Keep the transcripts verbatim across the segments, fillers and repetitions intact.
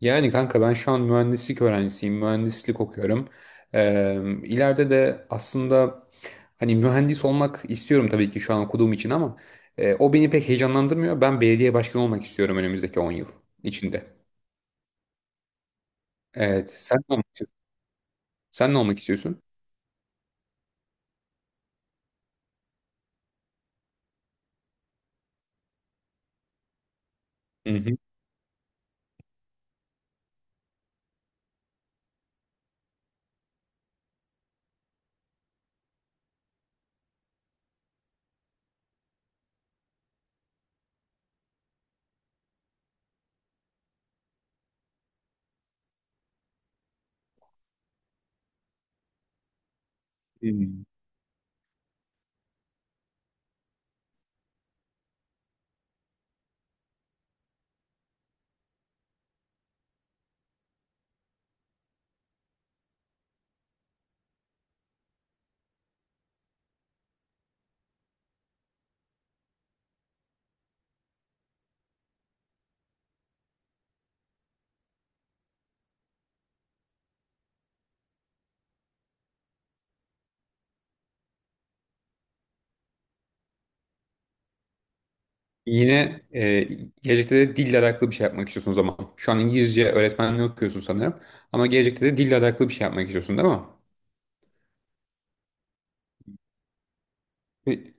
Yani kanka ben şu an mühendislik öğrencisiyim, mühendislik okuyorum. Ee, ileride de aslında hani mühendis olmak istiyorum tabii ki şu an okuduğum için ama e, o beni pek heyecanlandırmıyor. Ben belediye başkanı olmak istiyorum önümüzdeki on yıl içinde. Evet, sen ne olmak istiyorsun? Sen ne olmak istiyorsun? Hı hı. Hmm. Yine e, gelecekte de dille alakalı bir şey yapmak istiyorsun o zaman. Şu an İngilizce öğretmenliği okuyorsun sanırım. Ama gelecekte de dille alakalı bir şey yapmak istiyorsun değil mi? Pe-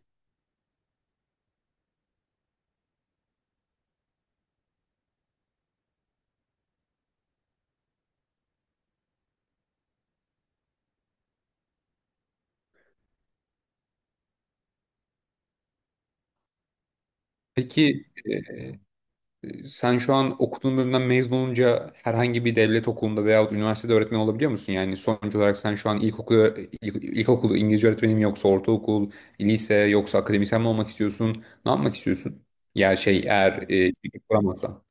Peki e, sen şu an okuduğun bölümden mezun olunca herhangi bir devlet okulunda veyahut üniversitede öğretmen olabiliyor musun? Yani sonuç olarak sen şu an ilkokul, ilk, ilkokul İngilizce öğretmeni mi yoksa ortaokul, lise yoksa akademisyen mi olmak istiyorsun? Ne yapmak istiyorsun? Ya şey eğer e, ceket kuramazsan.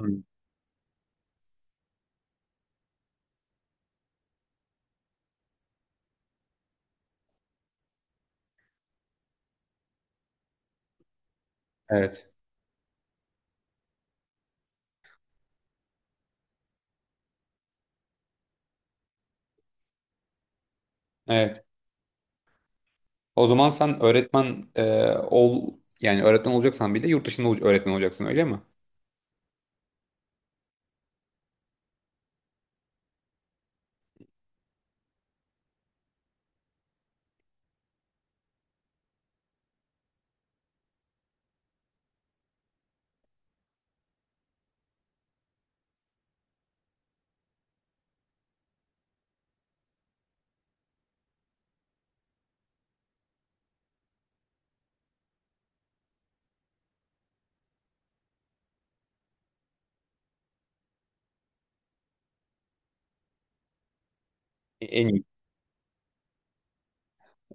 Hı. Evet. Evet. O zaman sen öğretmen e, ol yani öğretmen olacaksan bile yurt dışında ol- öğretmen olacaksın öyle mi? En iyi.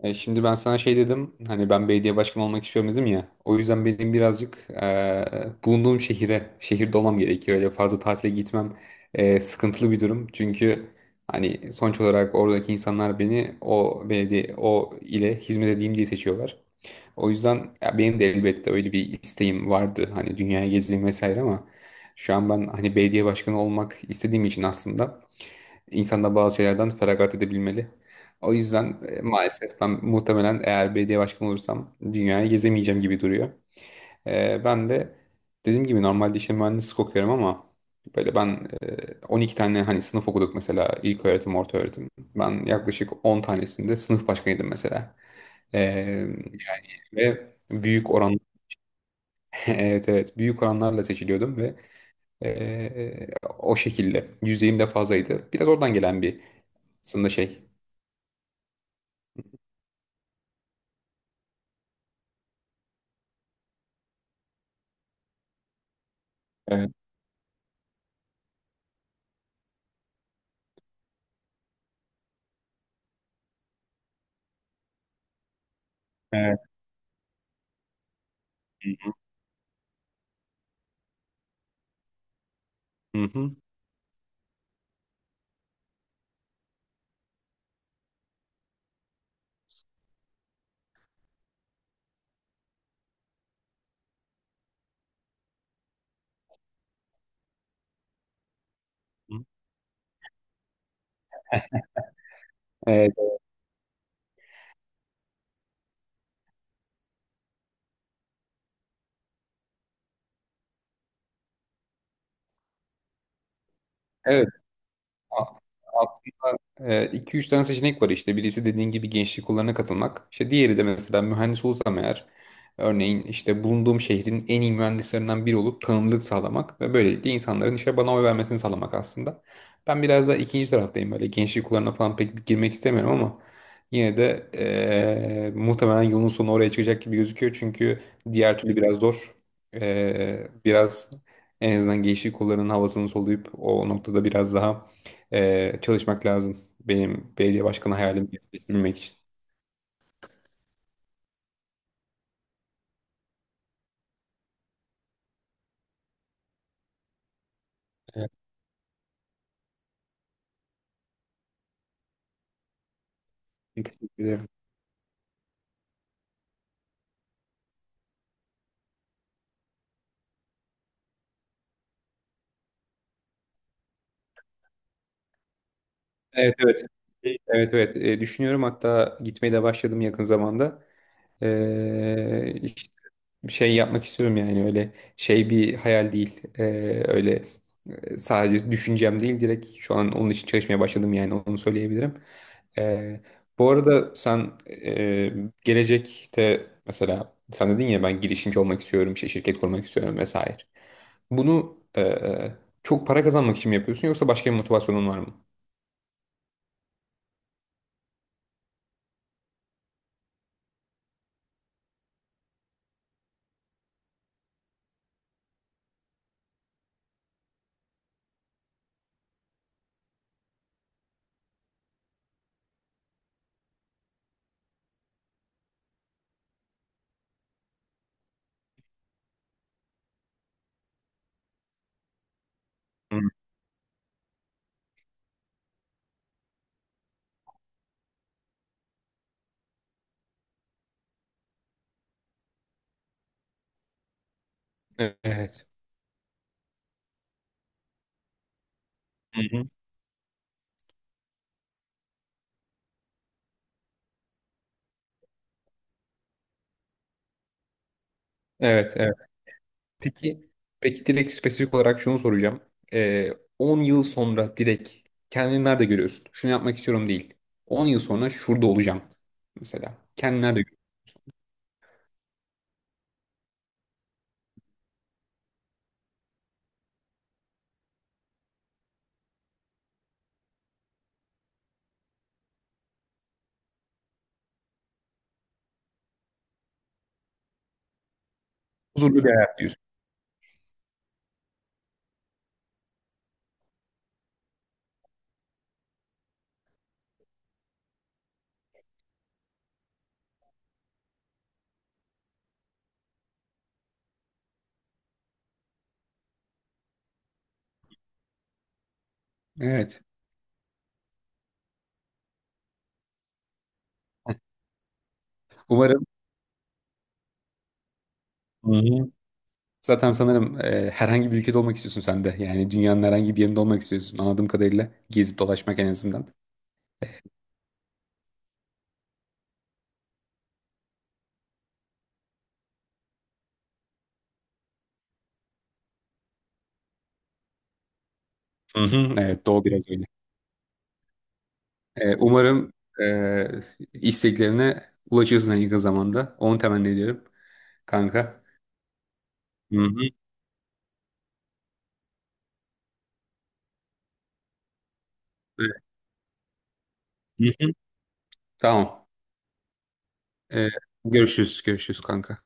E, Şimdi ben sana şey dedim hani ben belediye başkanı olmak istiyorum dedim ya, o yüzden benim birazcık e, bulunduğum şehire şehirde olmam gerekiyor, öyle fazla tatile gitmem e, sıkıntılı bir durum çünkü hani sonuç olarak oradaki insanlar beni o belediye o ile hizmet edeyim diye seçiyorlar. O yüzden ya benim de elbette öyle bir isteğim vardı. Hani dünyaya gezeyim vesaire ama şu an ben hani belediye başkanı olmak istediğim için aslında insan da bazı şeylerden feragat edebilmeli. O yüzden e, maalesef ben muhtemelen eğer belediye başkanı olursam dünyayı gezemeyeceğim gibi duruyor. E, ben de dediğim gibi normalde işte mühendislik okuyorum ama böyle ben e, on iki tane hani sınıf okuduk mesela ilköğretim, ortaöğretim. Ben yaklaşık on tanesinde sınıf başkanıydım mesela. E, ve büyük oran evet evet büyük oranlarla seçiliyordum ve eee, o şekilde yüzdeyim de fazlaydı. Biraz oradan gelen bir aslında şey. Evet. Evet. Hı. Hı. Evet. Evet. A- Aslında iki üç tane seçenek var işte. Birisi dediğin gibi gençlik kollarına katılmak. İşte diğeri de mesela mühendis olsam eğer örneğin işte bulunduğum şehrin en iyi mühendislerinden biri olup tanınırlık sağlamak ve böylelikle insanların işte bana oy vermesini sağlamak aslında. Ben biraz daha ikinci taraftayım, böyle gençlik kollarına falan pek girmek istemiyorum ama yine de eee, muhtemelen yolun sonu oraya çıkacak gibi gözüküyor. Çünkü diğer türlü biraz zor. Eee, biraz en azından gençlik kollarının havasını soluyup o noktada biraz daha e, çalışmak lazım. Benim belediye başkanı hayalimi gerçekleştirmek için. Evet, teşekkür ederim. Evet evet. Evet evet. E, düşünüyorum, hatta gitmeye de başladım yakın zamanda. E, Bir şey yapmak istiyorum yani öyle şey bir hayal değil. Ee, öyle e, sadece düşüncem değil, direkt şu an onun için çalışmaya başladım, yani onu söyleyebilirim. Ee, Bu arada sen e, gelecekte mesela sen dedin ya, ben girişimci olmak istiyorum, işte şirket kurmak istiyorum vesaire. Bunu e, çok para kazanmak için mi yapıyorsun yoksa başka bir motivasyonun var mı? Hı. Evet. Hı hı. Evet, peki, peki direkt spesifik olarak şunu soracağım. Ee, on yıl sonra direkt kendini nerede görüyorsun? Şunu yapmak istiyorum değil. On yıl sonra şurada olacağım mesela. Kendini nerede görüyorsun? Huzurlu bir hayat diyorsun. Evet. Umarım. Hı-hı. Zaten sanırım e, herhangi bir ülkede olmak istiyorsun sen de. Yani dünyanın herhangi bir yerinde olmak istiyorsun. Anladığım kadarıyla gezip dolaşmak en azından. Hı-hı. Evet, doğu biraz öyle. E, umarım e, isteklerine ulaşırsın en yakın zamanda. Onu temenni ediyorum kanka. Hı-hı. Hı hı. Tamam. Ee, Görüşürüz. Görüşürüz kanka.